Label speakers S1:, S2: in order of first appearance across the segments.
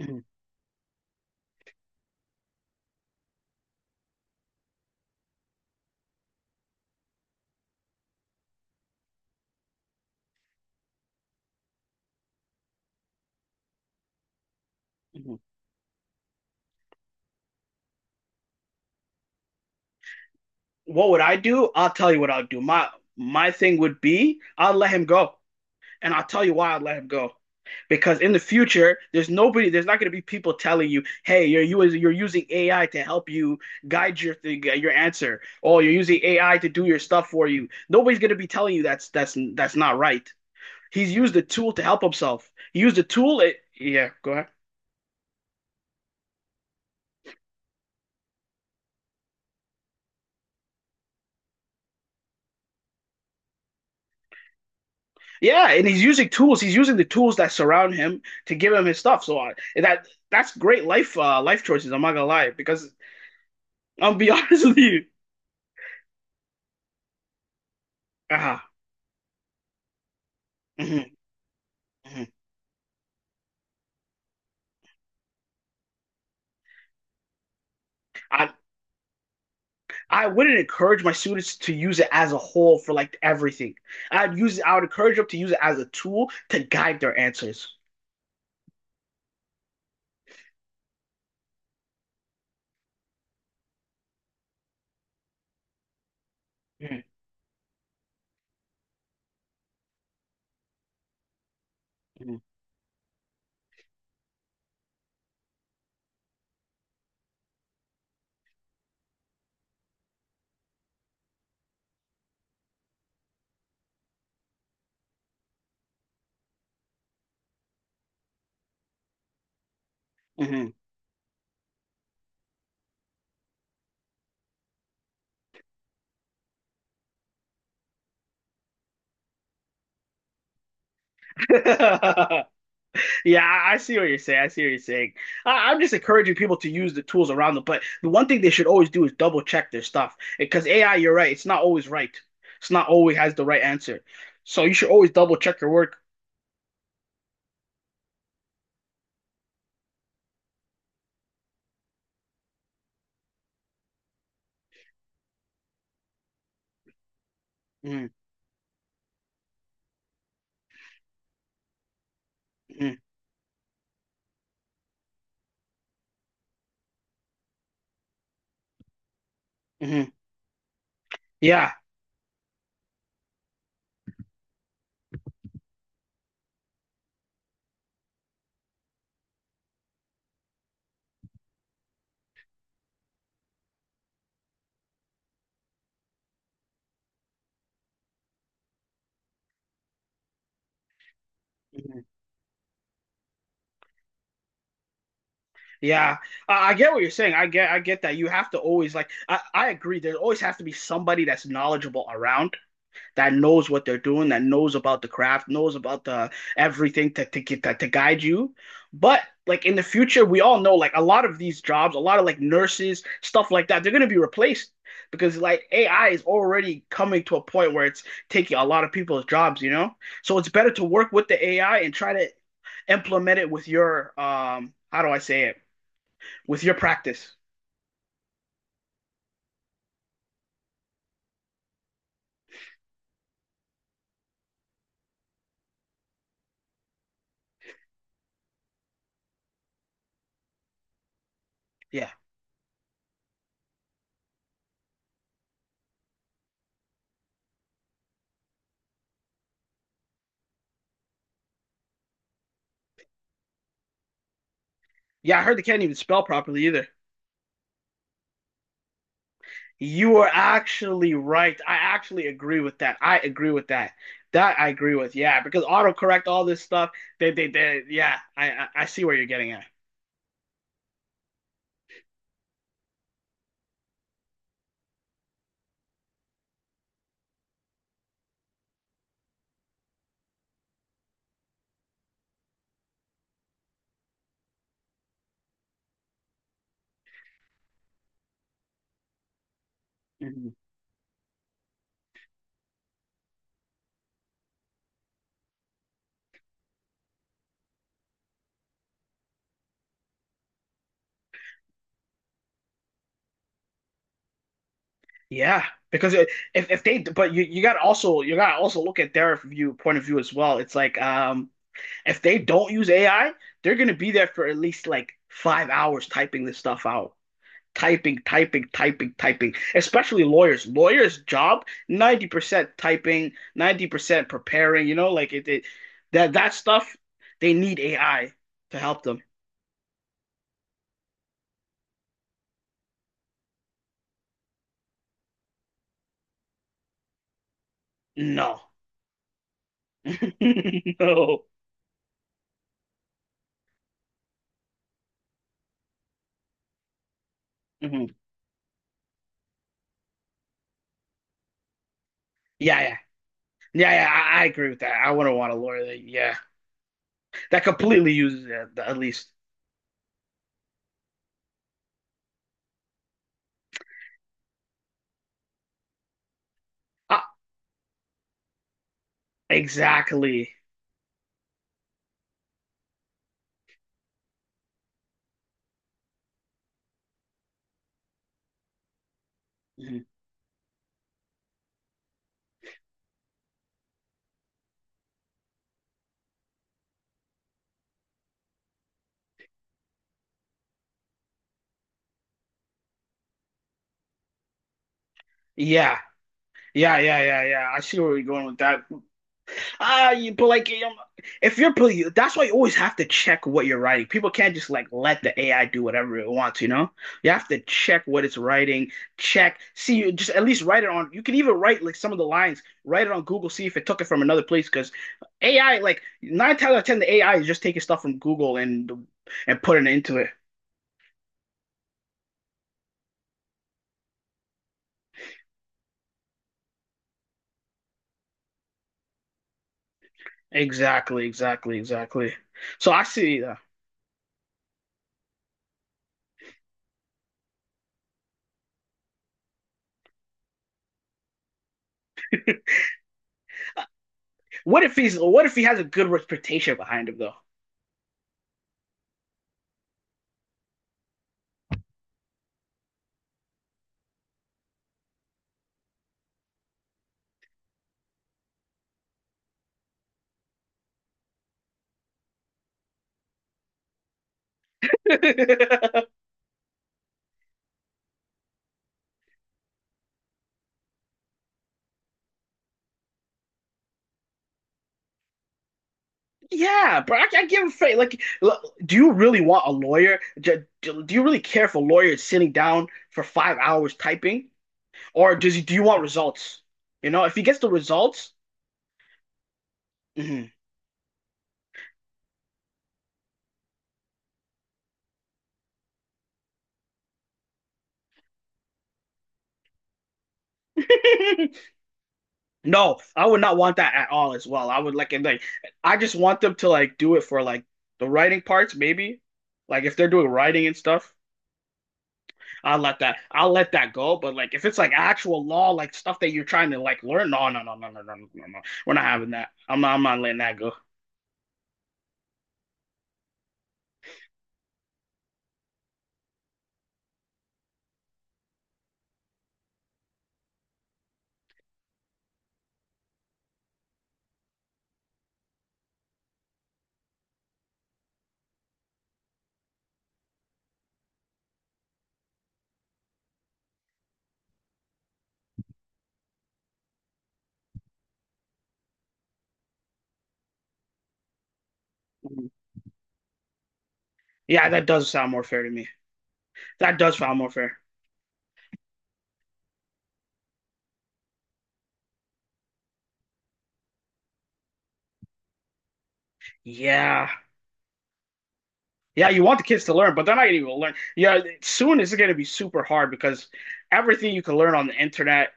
S1: Mm-hmm. What would I do? I'll tell you what I'll do. My thing would be I'll let him go. And I'll tell you why I'd let him go. Because in the future, there's not going to be people telling you, "Hey, you're using AI to help you guide your thing, your answer. Oh, you're using AI to do your stuff for you." Nobody's going to be telling you that's not right. He's used the tool to help himself. He used the tool. It, yeah, go ahead. Yeah, and he's using tools. He's using the tools that surround him to give him his stuff. That's great life life choices. I'm not gonna lie because I'll be honest with you. Uh, mhm, mhm. I I wouldn't encourage my students to use it as a whole for like everything. I would encourage them to use it as a tool to guide their answers. Mhm, mhm, mhm. Yeah, I see what you're saying. I see what you're saying. I'm just encouraging people to use the tools around them, but the one thing they should always do is double check their stuff because AI, you're right, it's not always right. It's not always has the right answer. So you should always double check your work. Mhm, mhm, mhm. Yeah. Mhm. Yeah, I get what you're saying. I get that you have to always like. I agree. There always has to be somebody that's knowledgeable around that knows what they're doing, that knows about the craft, knows about the everything to guide you. But like in the future, we all know like a lot of these jobs, a lot of like nurses, stuff like that, they're gonna be replaced because like AI is already coming to a point where it's taking a lot of people's jobs, you know? So it's better to work with the AI and try to implement it with your how do I say it? With your practice. Yeah. Yeah, I heard they can't even spell properly either. You are actually right. I actually agree with that. I agree with that. That I agree with. Yeah, because autocorrect all this stuff. They they. Yeah, I see where you're getting at. Mhm. Yeah, because it, if they but you got also you got to also look at their view point of view as well. It's like if they don't use AI, they're gonna be there for at least like five hours typing this stuff out. Typing, typing, typing, typing, especially lawyers. Lawyers' job, 90% typing, 90% preparing, you know, it that that stuff, they need AI to help them. No. No. Hmm. Yeah, yeah. Yeah, yeah, I agree with that. I wouldn't want a lawyer that, yeah, that completely uses it, at least. Ah, exactly. Mhm. Yeah, yeah, yeah, yeah, yeah. I see where we're going with that. You but like if you're that's why you always have to check what you're writing. People can't just like let the AI do whatever it wants, you know? You have to check what it's writing, check, see, you just at least write it on. You can even write like some of the lines, write it on Google, see if it took it from another place. Because AI, like nine times out of ten, the AI is just taking stuff from Google and putting it into it. Exactly, exactly, exactly. So I see that. What if he has a good reputation behind him though? Yeah, I give a fake. Like, look, do you really want a lawyer? Do you really care if a lawyer is sitting down for five hours typing, do you want results? You know, if he gets the results, mhm. No, I would not want that at all. As well, I would like and like. I just want them to like do it for like the writing parts, maybe. Like if they're doing writing and stuff. I'll let that go. But like if it's like actual law, like stuff that you're trying to like learn, no, no, no, no, no, no, no, no. We're not having that. I'm not letting that go. Mhm. Yeah, that does sound more fair to me. That does sound more fair. Yeah. Yeah, you want the kids to learn, but they're not even gonna learn. Yeah, soon it's gonna be super hard because everything you can learn on the internet,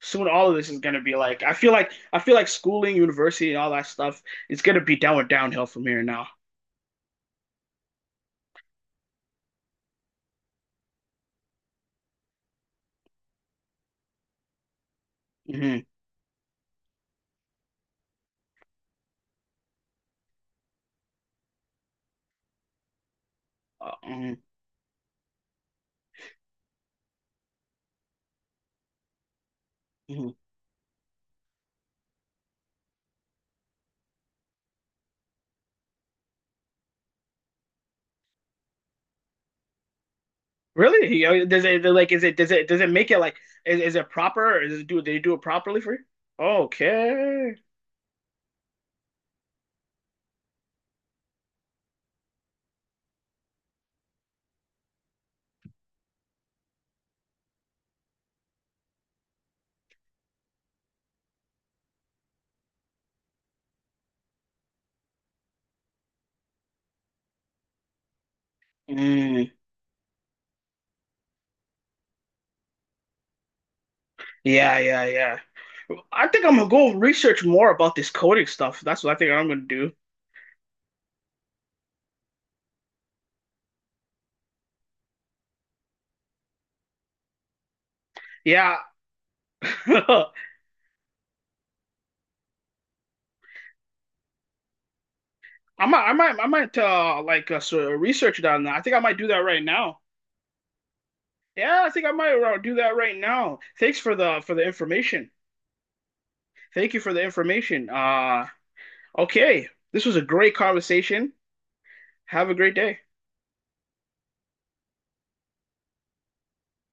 S1: soon all of this is gonna be like I feel like schooling, university, and all that stuff, it's gonna be down downhill from here now. Hmm. Mhm. Mhm. Really? Oh, does it like is it does it make it like is it proper or is it do they do it properly for you? Okay. Mm, yeah, yeah, yeah. I think I'm gonna go research more about this coding stuff. That's what I think I'm gonna do. Yeah. I might sort of research that I think I might do that right now. Yeah, I think I might do that right now. Thanks for the information. Thank you for the information. Okay. This was a great conversation. Have a great day.